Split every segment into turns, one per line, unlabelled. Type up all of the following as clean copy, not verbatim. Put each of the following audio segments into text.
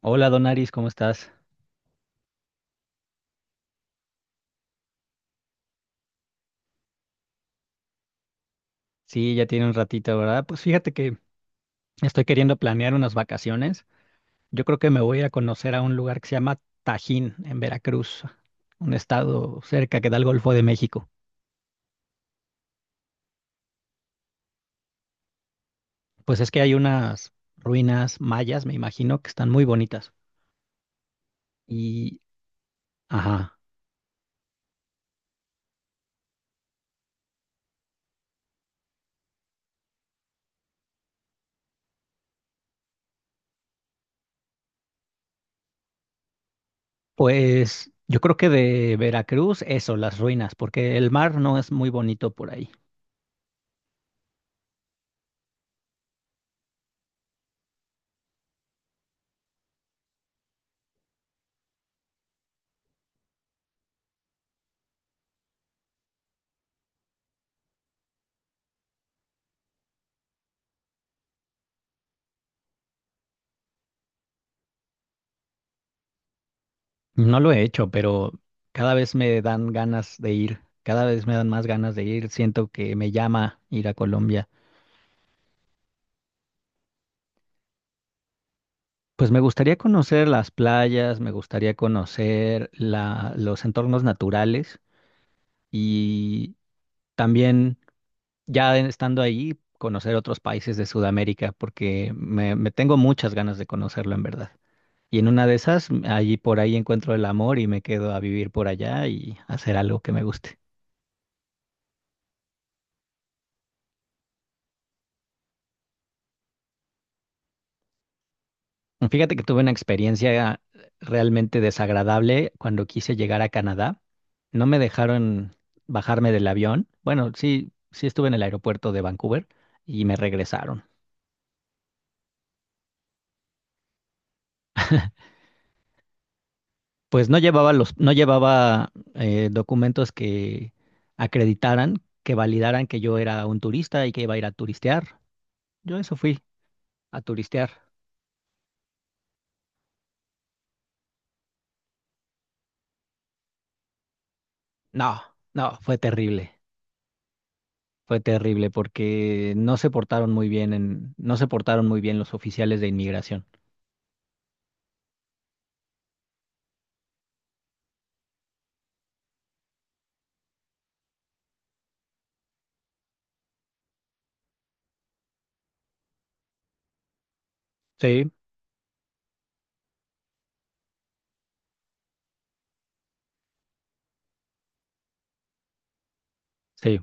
Hola Donaris, ¿cómo estás? Sí, ya tiene un ratito, ¿verdad? Pues fíjate que estoy queriendo planear unas vacaciones. Yo creo que me voy a ir a conocer a un lugar que se llama Tajín, en Veracruz, un estado cerca que da al Golfo de México. Pues es que hay unas ruinas mayas, me imagino, que están muy bonitas. Y, ajá, pues yo creo que de Veracruz, eso, las ruinas, porque el mar no es muy bonito por ahí. No lo he hecho, pero cada vez me dan ganas de ir, cada vez me dan más ganas de ir, siento que me llama ir a Colombia. Pues me gustaría conocer las playas, me gustaría conocer los entornos naturales y también ya estando ahí, conocer otros países de Sudamérica, porque me tengo muchas ganas de conocerlo en verdad. Y en una de esas, allí por ahí encuentro el amor y me quedo a vivir por allá y hacer algo que me guste. Fíjate que tuve una experiencia realmente desagradable cuando quise llegar a Canadá. No me dejaron bajarme del avión. Bueno, sí, sí estuve en el aeropuerto de Vancouver y me regresaron. Pues no llevaba los, no llevaba documentos que acreditaran, que validaran que yo era un turista y que iba a ir a turistear. Yo eso fui a turistear. No, no, fue terrible. Fue terrible porque no se portaron muy bien en, no se portaron muy bien los oficiales de inmigración. Sí, sí,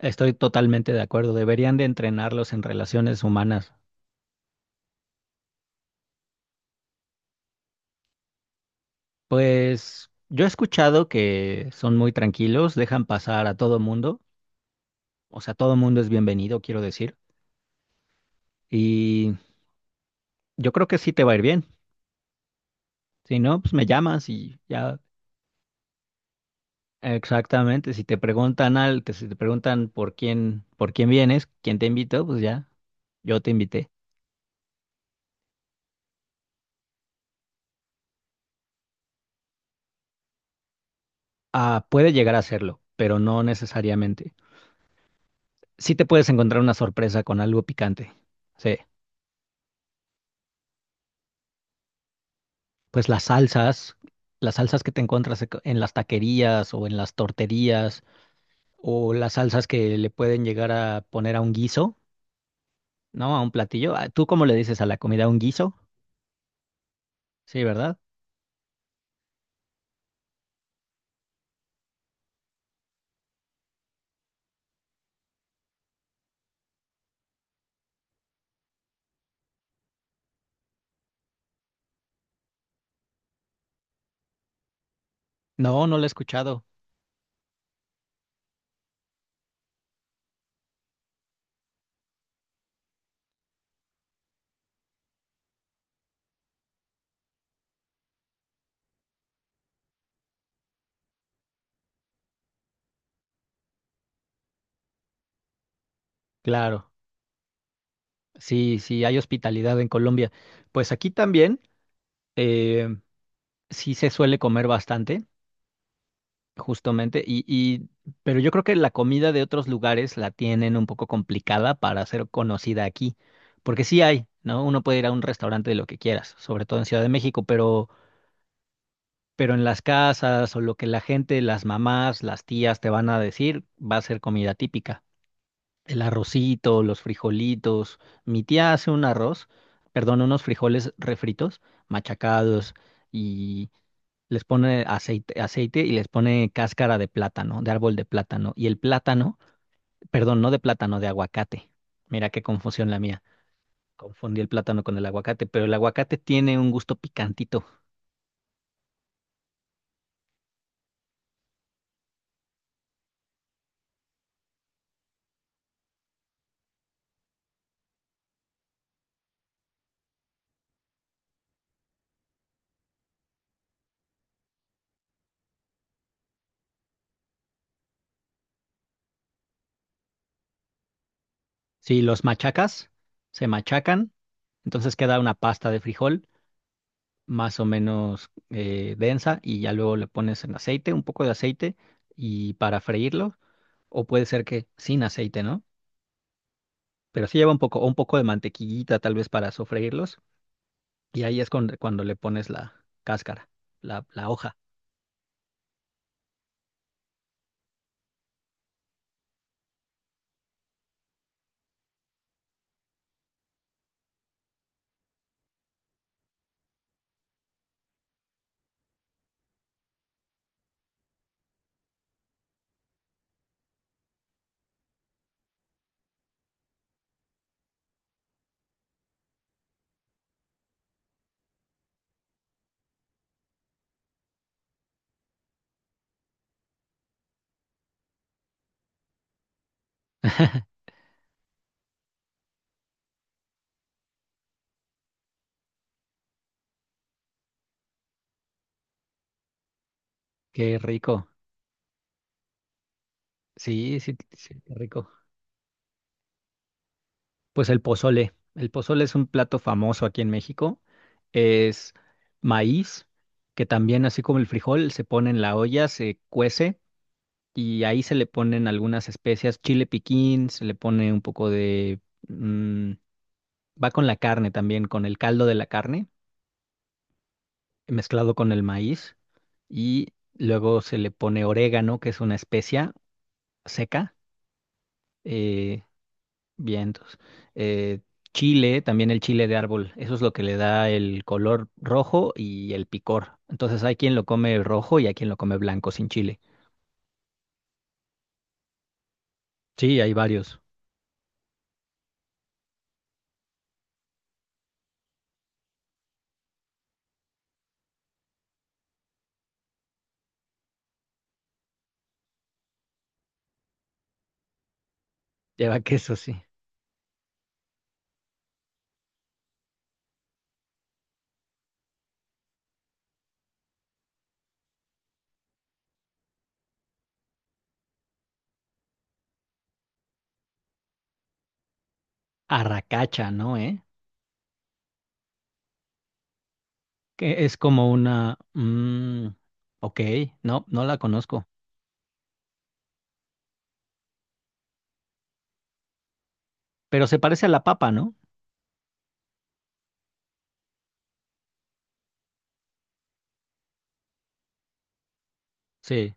estoy totalmente de acuerdo. Deberían de entrenarlos en relaciones humanas. Pues yo he escuchado que son muy tranquilos, dejan pasar a todo mundo. O sea, todo mundo es bienvenido, quiero decir. Y yo creo que sí te va a ir bien. Si no, pues me llamas y ya. Exactamente. Si te preguntan al, que si te preguntan por quién vienes, quién te invitó, pues ya, yo te invité. Ah, puede llegar a serlo, pero no necesariamente. Sí te puedes encontrar una sorpresa con algo picante. Sí, pues las salsas que te encuentras en las taquerías o en las torterías o las salsas que le pueden llegar a poner a un guiso, ¿no? A un platillo. Ah, ¿tú cómo le dices a la comida un guiso? Sí, ¿verdad? No, no lo he escuchado. Claro, sí, sí, hay hospitalidad en Colombia. Pues aquí también eh, sí se suele comer bastante. Justamente, pero yo creo que la comida de otros lugares la tienen un poco complicada para ser conocida aquí, porque sí hay, ¿no? Uno puede ir a un restaurante de lo que quieras, sobre todo en Ciudad de México, pero en las casas o lo que la gente, las mamás, las tías te van a decir, va a ser comida típica. El arrocito, los frijolitos. Mi tía hace un arroz, perdón, unos frijoles refritos, machacados les pone aceite, aceite y les pone cáscara de plátano, de árbol de plátano. Y el plátano, perdón, no de plátano, de aguacate. Mira qué confusión la mía. Confundí el plátano con el aguacate, pero el aguacate tiene un gusto picantito. Si los machacas, se machacan, entonces queda una pasta de frijol más o menos densa y ya luego le pones en aceite, un poco de aceite y para freírlo, o puede ser que sin aceite, ¿no? Pero sí lleva un poco, o un poco de mantequillita tal vez para sofreírlos. Y ahí es cuando, cuando le pones la cáscara, la hoja. Qué rico. Sí, sí, sí, qué rico. Pues el pozole. El pozole es un plato famoso aquí en México. Es maíz, que también, así como el frijol, se pone en la olla, se cuece y ahí se le ponen algunas especias, chile piquín, se le pone un poco de... mm, va con la carne también, con el caldo de la carne, mezclado con el maíz y luego se le pone orégano, que es una especia seca. Eh, vientos. Eh, chile, también el chile de árbol, eso es lo que le da el color rojo y el picor. Entonces hay quien lo come rojo y hay quien lo come blanco sin chile. Sí, hay varios. Lleva queso, sí. Arracacha, ¿no? ¿Eh? Que es como una... ok, no, no la conozco. Pero se parece a la papa, ¿no? Sí,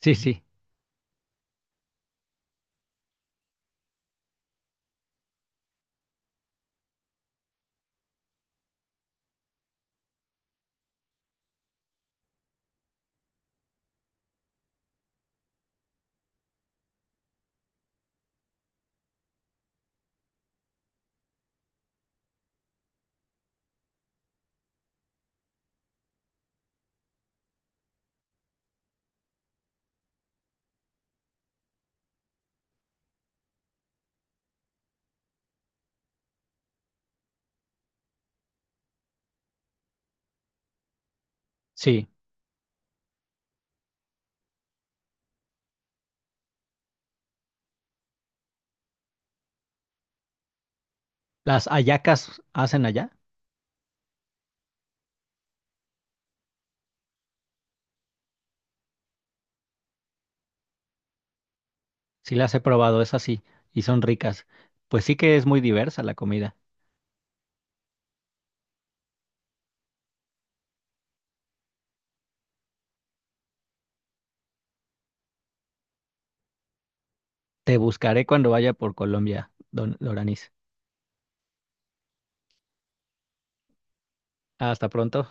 sí, sí, sí. Las hallacas hacen allá. Sí las he probado, es así. Y son ricas. Pues sí que es muy diversa la comida. Te buscaré cuando vaya por Colombia, don Loranis. Hasta pronto.